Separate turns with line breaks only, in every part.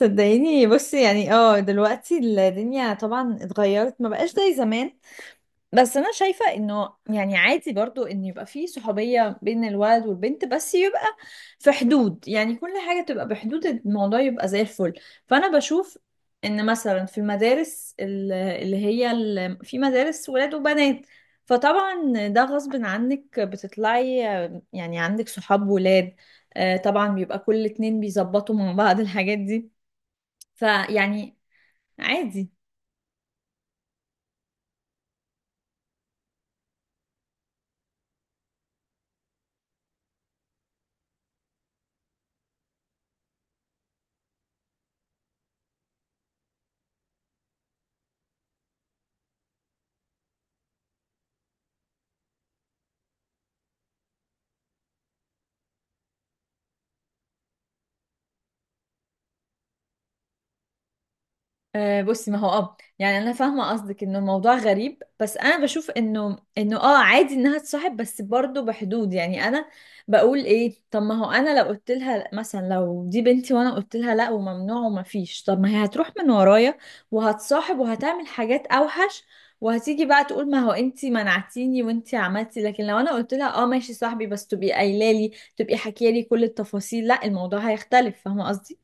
صدقيني، بصي يعني دلوقتي الدنيا طبعا اتغيرت، ما بقاش زي زمان. بس انا شايفة انه يعني عادي برضو ان يبقى في صحوبية بين الولد والبنت، بس يبقى في حدود. يعني كل حاجة تبقى بحدود، الموضوع يبقى زي الفل. فانا بشوف ان مثلا في المدارس اللي هي في مدارس ولاد وبنات، فطبعا ده غصب عنك بتطلعي يعني عندك صحاب ولاد. طبعا بيبقى كل اتنين بيظبطوا مع بعض الحاجات دي، فيعني عادي. بصي، ما هو يعني انا فاهمه قصدك انه الموضوع غريب، بس انا بشوف انه عادي انها تصاحب، بس برضه بحدود. يعني انا بقول ايه؟ طب ما هو انا لو قلت لها مثلا، لو دي بنتي وانا قلت لها لا وممنوع وما فيش، طب ما هي هتروح من ورايا وهتصاحب وهتعمل حاجات اوحش، وهتيجي بقى تقول ما هو انتي منعتيني وانتي عملتي. لكن لو انا قلت لها اه ماشي صاحبي، بس تبقي قايله لي، تبقي حكيه لي كل التفاصيل، لا الموضوع هيختلف. فاهمه قصدي؟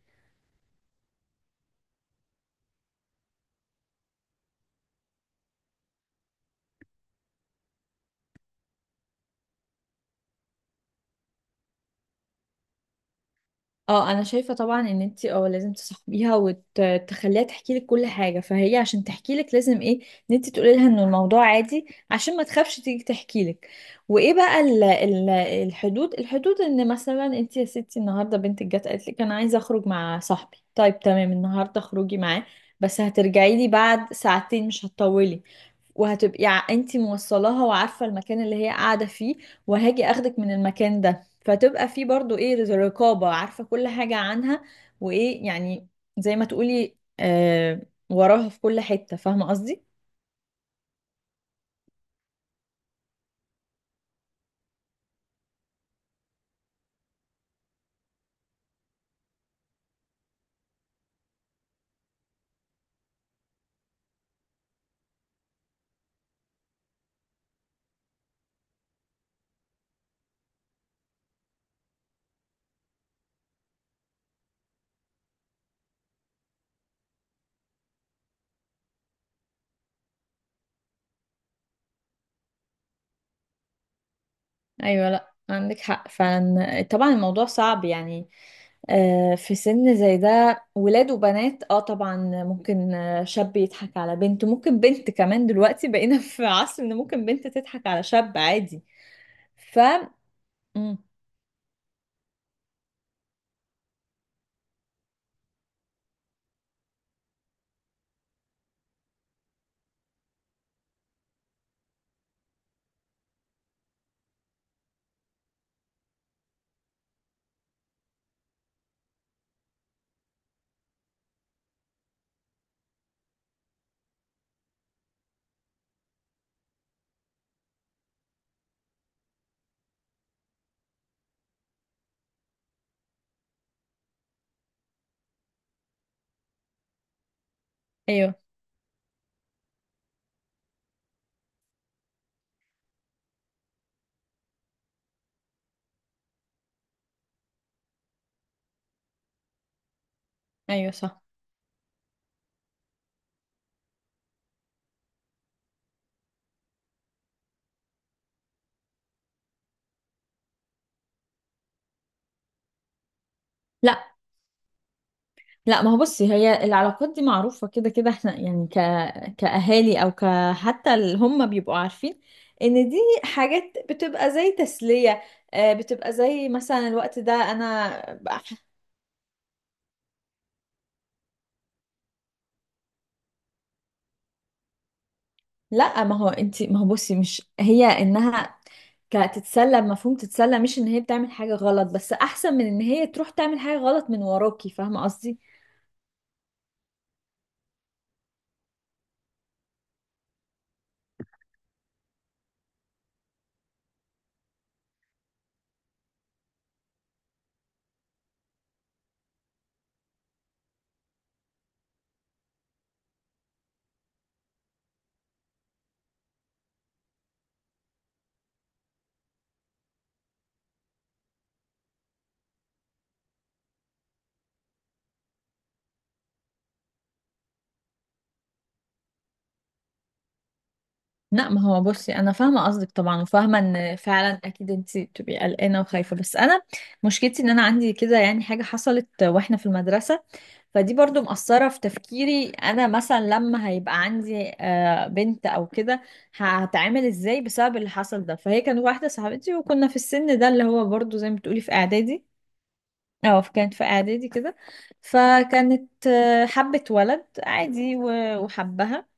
اه انا شايفه طبعا ان انت لازم تصاحبيها وتخليها تحكي لك كل حاجه. فهي عشان تحكي لك لازم ايه؟ ان انت تقولي لها ان الموضوع عادي عشان ما تخافش تيجي تحكي لك. وايه بقى ال ال الحدود؟ ان مثلا انت يا ستي النهارده بنتك جت قالت لك انا عايزه اخرج مع صاحبي، طيب تمام، النهارده اخرجي معاه بس هترجعي لي بعد ساعتين، مش هتطولي. وهتبقي انت موصلاها وعارفه المكان اللي هي قاعده فيه، وهاجي اخدك من المكان ده. فتبقى في برضو ايه، رقابة، عارفة كل حاجة عنها. وايه يعني، زي ما تقولي وراها في كل حتة. فاهمة قصدي؟ ايوه، لا عندك حق فعلا. طبعا الموضوع صعب يعني. في سن زي ده، ولاد وبنات طبعا ممكن، شاب يضحك على بنت، ممكن بنت كمان دلوقتي بقينا في عصر ان ممكن بنت تضحك على شاب عادي. ف مم، ايوه، ايوه، صح. لا، لا ما هو بصي هي العلاقات دي معروفة كده كده. احنا يعني كأهالي او حتى اللي هم بيبقوا عارفين ان دي حاجات بتبقى زي تسلية. بتبقى زي مثلا الوقت ده انا بح- لا ما هو بصي مش هي انها كتتسلى. مفهوم تتسلى مش ان هي بتعمل حاجة غلط، بس احسن من ان هي تروح تعمل حاجة غلط من وراكي. فاهمة قصدي؟ لا ما هو بصي انا فاهمه قصدك طبعا، وفاهمه ان فعلا اكيد انت بتبقي قلقانه وخايفه، بس انا مشكلتي ان انا عندي كده يعني حاجه حصلت واحنا في المدرسه، فدي برضو مأثره في تفكيري. انا مثلا لما هيبقى عندي بنت او كده، هتعامل ازاي بسبب اللي حصل ده. فهي كانت واحده صاحبتي وكنا في السن ده اللي هو برضو زي ما بتقولي في اعدادي. اه كانت في اعدادي كده، فكانت حبت ولد عادي و- وحبها،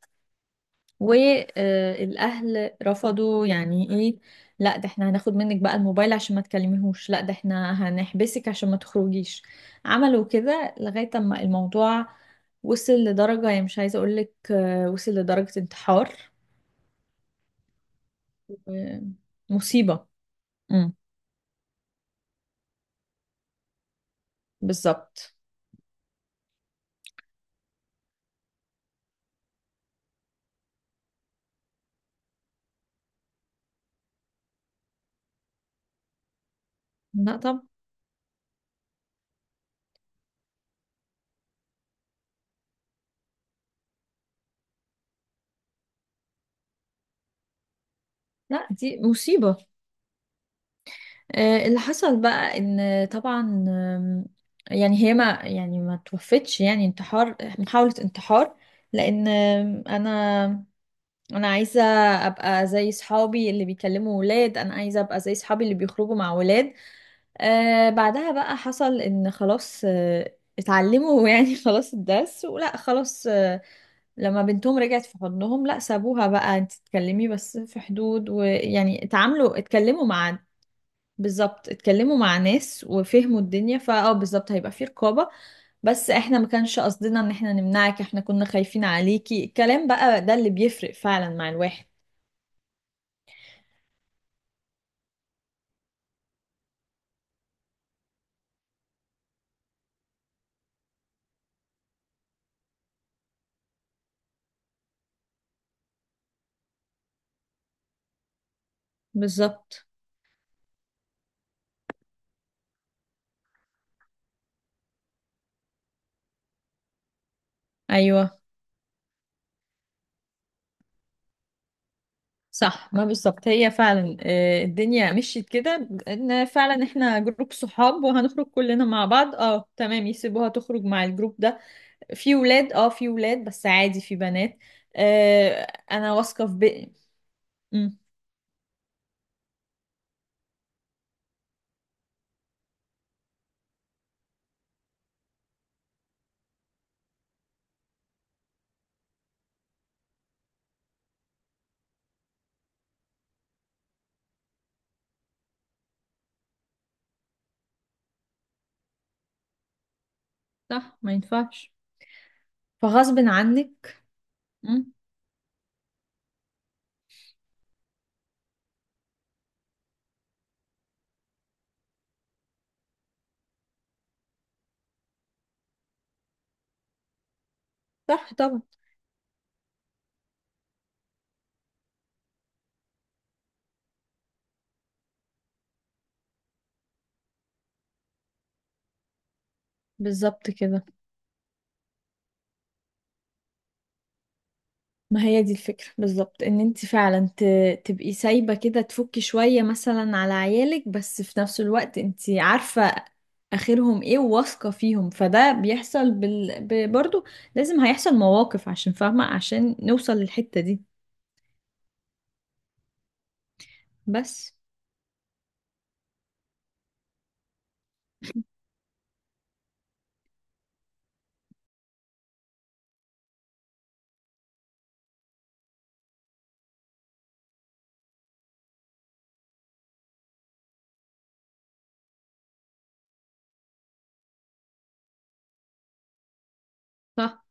والاهل رفضوا. يعني ايه، لا ده احنا هناخد منك بقى الموبايل عشان ما تكلميهوش، لا ده احنا هنحبسك عشان ما تخرجيش. عملوا كده لغاية اما الموضوع وصل لدرجة، يعني مش عايزة اقولك، وصل لدرجة انتحار. آه، مصيبة. امم بالظبط. لا طب، لا دي مصيبة. اللي حصل بقى ان طبعا آم، يعني هي ما توفتش، يعني انتحار، محاولة انتحار. لان انا عايزة ابقى زي صحابي اللي بيكلموا ولاد، انا عايزة ابقى زي صحابي اللي بيخرجوا مع ولاد. بعدها بقى حصل ان خلاص اتعلموا يعني خلاص الدرس، ولا خلاص لما بنتهم رجعت في حضنهم، لا سابوها بقى انت تتكلمي بس في حدود، ويعني اتكلموا مع. بالظبط، اتكلموا مع ناس وفهموا الدنيا. فاه بالظبط هيبقى فيه رقابة. بس احنا ما كانش قصدنا ان احنا نمنعك، احنا كنا خايفين عليكي. الكلام بقى ده اللي بيفرق فعلا مع الواحد. بالظبط. ايوه صح. ما بالظبط هي فعلا الدنيا مشيت كده، ان فعلا احنا جروب صحاب وهنخرج كلنا مع بعض تمام، يسيبوها تخرج مع الجروب ده، في ولاد بس عادي في بنات. آه، انا واثقة في بقى. مم، صح، ما ينفعش. فغصب عنك. مم. صح طبعا. بالظبط كده، ما هي دي الفكرة بالظبط. ان انت فعلا تبقي سايبة كده، تفكي شوية مثلا على عيالك، بس في نفس الوقت انت عارفة اخرهم ايه وواثقة فيهم. فده بيحصل برضو لازم هيحصل مواقف عشان فاهمة، عشان نوصل للحتة دي. بس صح.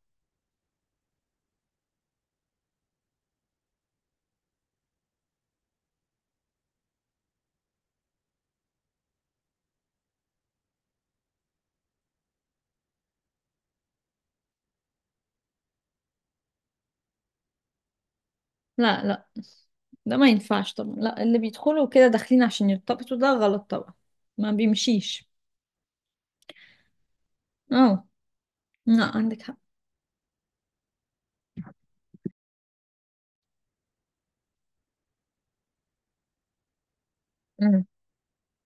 لا، لا ده ما ينفعش طبعا. لا اللي بيدخلوا كده داخلين عشان يرتبطوا ده غلط طبعا، ما بيمشيش. اه. لا عندك حق. مم.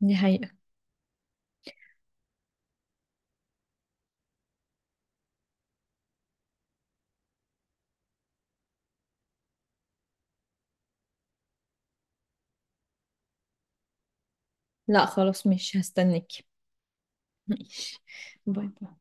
دي حقيقة. لا خلاص مش هستناكي. ماشي. باي باي.